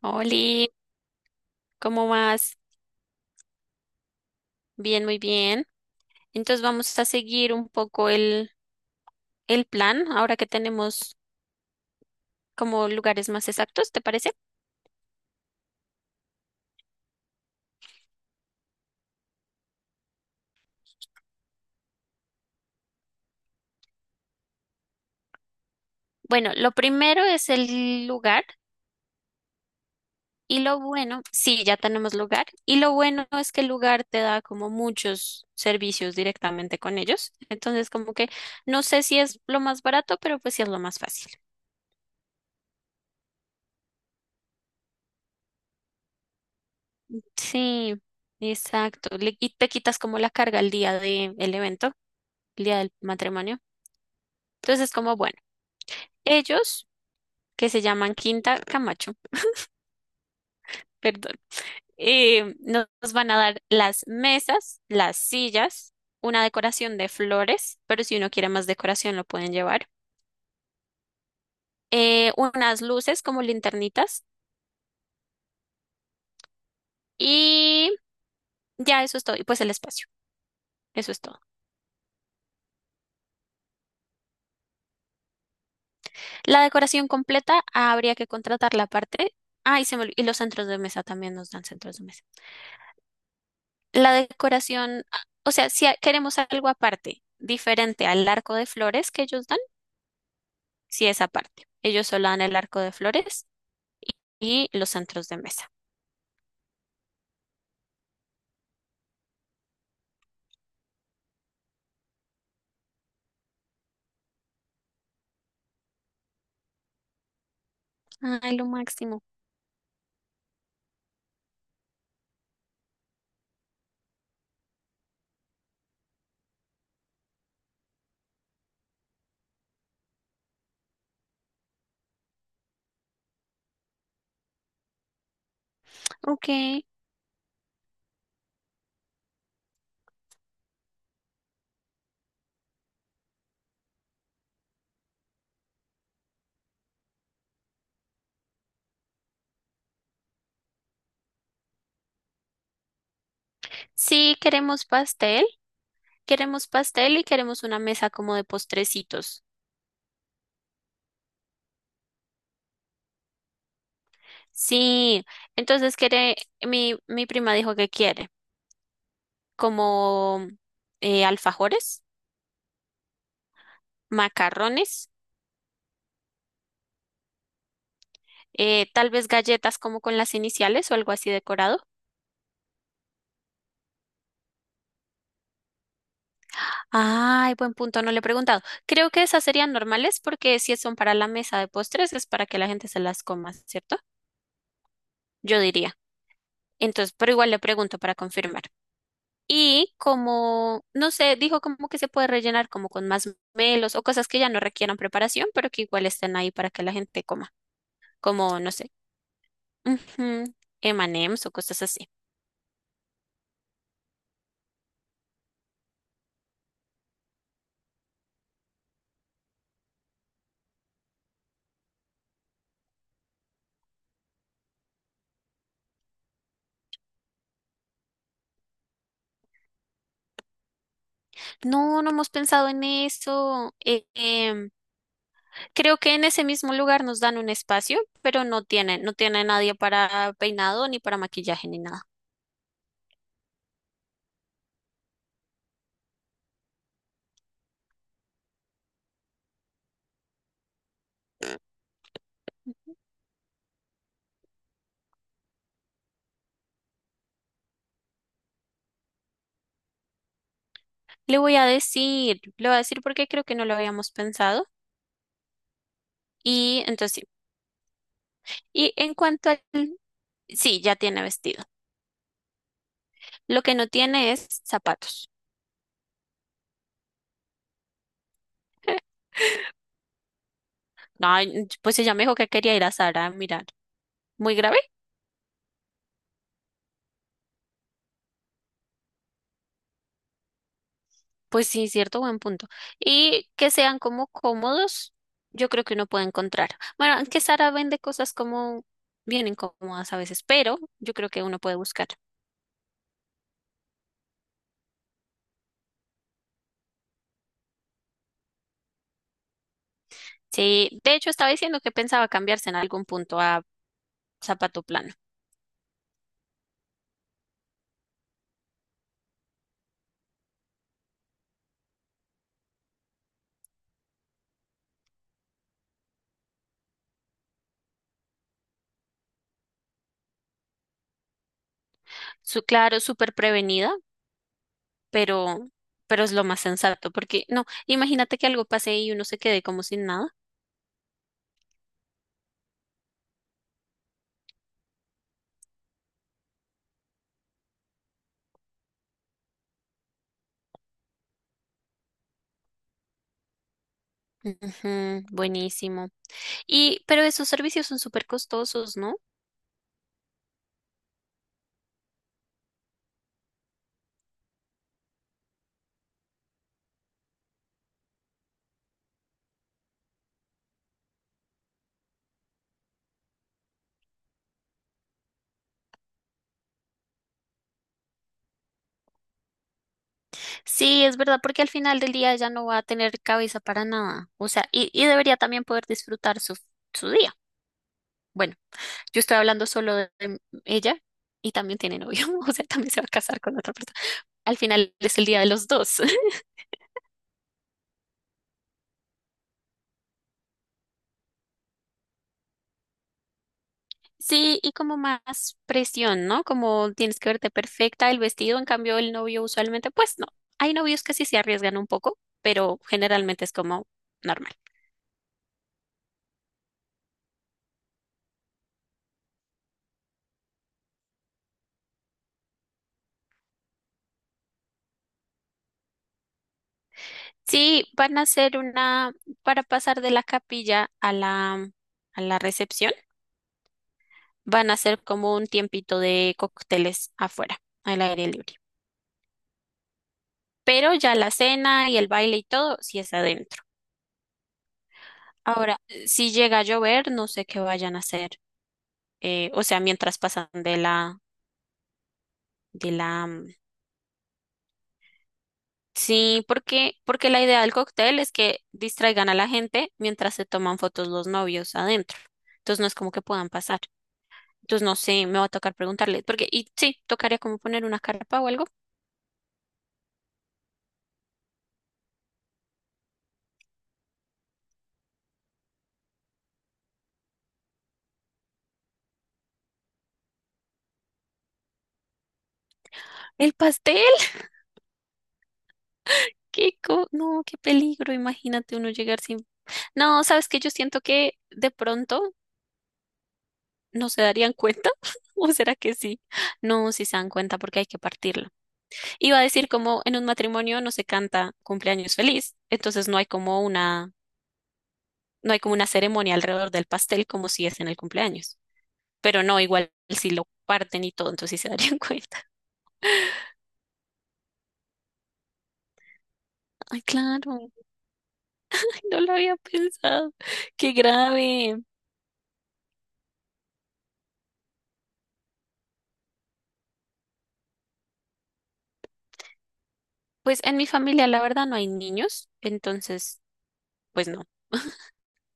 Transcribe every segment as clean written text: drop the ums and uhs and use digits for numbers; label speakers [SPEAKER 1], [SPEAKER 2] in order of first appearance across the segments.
[SPEAKER 1] Hola, ¿cómo vas? Bien, muy bien. Entonces vamos a seguir un poco el plan ahora que tenemos como lugares más exactos, ¿te parece? Bueno, lo primero es el lugar y lo bueno, sí, ya tenemos lugar y lo bueno es que el lugar te da como muchos servicios directamente con ellos. Entonces como que no sé si es lo más barato, pero pues sí es lo más fácil. Sí, exacto. Y te quitas como la carga el día del evento, el día del matrimonio. Entonces es como bueno. Ellos, que se llaman Quinta Camacho, perdón, nos van a dar las mesas, las sillas, una decoración de flores, pero si uno quiere más decoración lo pueden llevar, unas luces como linternitas y ya eso es todo, y pues el espacio, eso es todo. La decoración completa habría que contratar la parte. Y los centros de mesa también nos dan centros de mesa. La decoración, o sea, si a- queremos algo aparte, diferente al arco de flores que ellos dan. Sí, esa parte. Ellos solo dan el arco de flores y los centros de mesa. Ay, lo máximo. Ok. Sí, queremos pastel. Queremos pastel y queremos una mesa como de postrecitos. Sí, entonces quiere, mi prima dijo que quiere como alfajores, macarrones, tal vez galletas como con las iniciales o algo así decorado. Ay, buen punto, no le he preguntado. Creo que esas serían normales porque si son para la mesa de postres es para que la gente se las coma, ¿cierto? Yo diría. Entonces, pero igual le pregunto para confirmar. Y como, no sé, dijo como que se puede rellenar como con más melos o cosas que ya no requieran preparación, pero que igual estén ahí para que la gente coma, como, no sé, ujú, M&M's o cosas así. No, no hemos pensado en eso. Creo que en ese mismo lugar nos dan un espacio, pero no tiene nadie para peinado, ni para maquillaje, ni nada. Le voy a decir, le voy a decir porque creo que no lo habíamos pensado. Y entonces, sí. y en cuanto al, sí, ya tiene vestido. Lo que no tiene es zapatos. Ay, pues ella me dijo que quería ir a Sara a mirar. Muy grave. Pues sí, cierto, buen punto. Y que sean como cómodos, yo creo que uno puede encontrar. Bueno, aunque Sara vende cosas como bien incómodas a veces, pero yo creo que uno puede buscar. Sí, de hecho estaba diciendo que pensaba cambiarse en algún punto a zapato plano. Claro, súper prevenida, pero, pero es lo más sensato, porque no, imagínate que algo pase y uno se quede como sin nada. Ujú, buenísimo. Pero esos servicios son súper costosos, ¿no? Sí, es verdad, porque al final del día ya no va a tener cabeza para nada. O sea, y debería también poder disfrutar su día. Bueno, yo estoy hablando solo de ella y también tiene novio, o sea, también se va a casar con otra persona. Al final es el día de los dos. Sí, y como más presión, ¿no? Como tienes que verte perfecta, el vestido, en cambio, el novio usualmente, pues no. Hay novios que sí se arriesgan un poco, pero generalmente es como normal. Sí, van a hacer para pasar de la capilla a la recepción, van a hacer como un tiempito de cócteles afuera, al aire libre. Pero ya la cena y el baile y todo, sí es adentro. Ahora, si llega a llover, no sé qué vayan a hacer. O sea, mientras pasan de la, sí, porque, la idea del cóctel es que distraigan a la gente mientras se toman fotos los novios adentro. Entonces no es como que puedan pasar. Entonces no sé, me va a tocar preguntarle, y sí, tocaría como poner una carpa o algo. El pastel, no, qué peligro, imagínate uno llegar sin. No, sabes que yo siento que de pronto no se darían cuenta, o será que sí. No, sí se dan cuenta porque hay que partirlo. Iba a decir como en un matrimonio no se canta cumpleaños feliz, entonces no hay como una ceremonia alrededor del pastel como si es en el cumpleaños. Pero no, igual si lo parten y todo, entonces sí se darían cuenta. Ay, claro. No lo había pensado. Qué grave. Pues en mi familia, la verdad, no hay niños, entonces, pues no,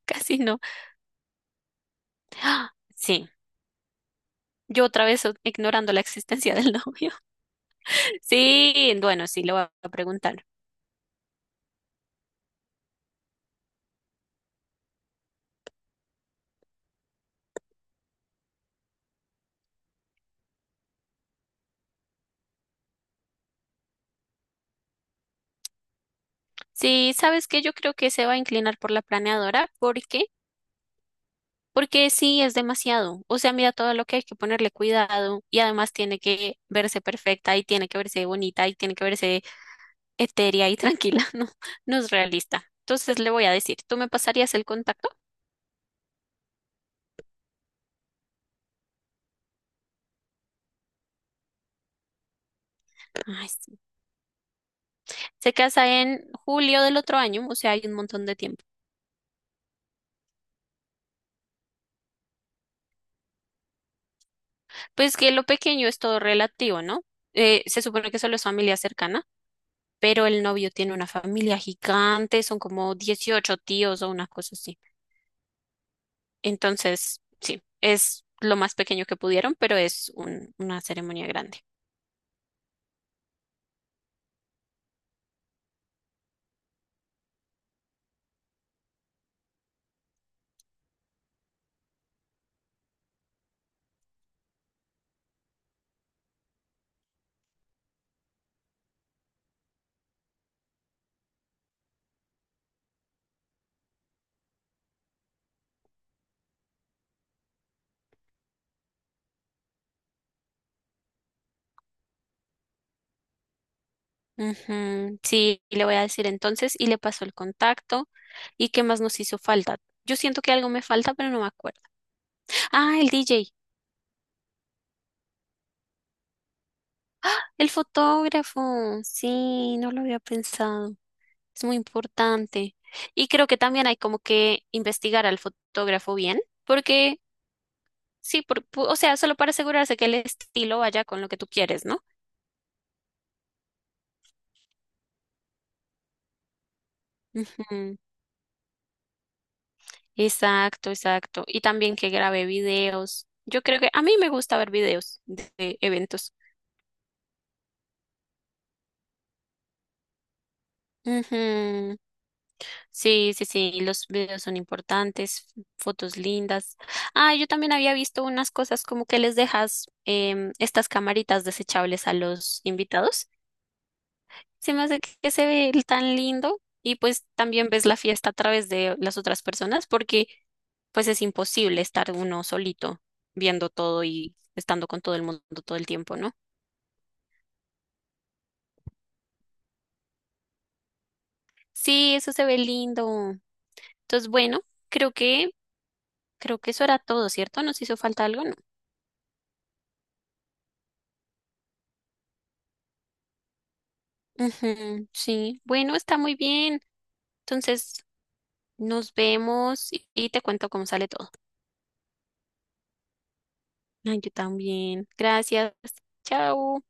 [SPEAKER 1] casi no. ¡Ah! Sí, yo otra vez ignorando la existencia del novio. Sí, bueno, sí, lo voy a preguntar. Sí, ¿sabes qué? Yo creo que se va a inclinar por la planeadora. ¿Por qué? Porque sí, es demasiado. O sea, mira todo lo que hay que ponerle cuidado y además tiene que verse perfecta y tiene que verse bonita y tiene que verse etérea y tranquila, no, no es realista. Entonces le voy a decir, ¿tú me pasarías el contacto? Ay, sí. Se casa en julio del otro año, o sea, hay un montón de tiempo. Pues que lo pequeño es todo relativo, ¿no? Se supone que solo es familia cercana, pero el novio tiene una familia gigante, son como 18 tíos o una cosa así. Entonces, sí, es lo más pequeño que pudieron, pero es una ceremonia grande. Ujú, sí, le voy a decir entonces y le paso el contacto y qué más nos hizo falta. Yo siento que algo me falta, pero no me acuerdo. Ah, el DJ, el fotógrafo. Sí, no lo había pensado. Es muy importante. Y creo que también hay como que investigar al fotógrafo bien, porque sí, o sea, solo para asegurarse que el estilo vaya con lo que tú quieres, ¿no? Ujú, exacto, exacto. Y también que grabe videos. Yo creo que a mí me gusta ver videos de eventos. Ujú. Sí, sí, sí, los videos son importantes, fotos lindas. Ah, yo también había visto unas cosas como que les dejas estas camaritas desechables a los invitados. Se me hace que se ve el tan lindo y pues también ves la fiesta a través de las otras personas porque pues es imposible estar uno solito viendo todo y estando con todo el mundo todo el tiempo, ¿no? Sí, eso se ve lindo. Entonces, bueno, creo que creo que eso era todo, ¿cierto? ¿Nos hizo falta algo? Ujú, sí, bueno, está muy bien. Entonces, nos vemos y te cuento cómo sale todo. Ay, yo también. Gracias. Chao.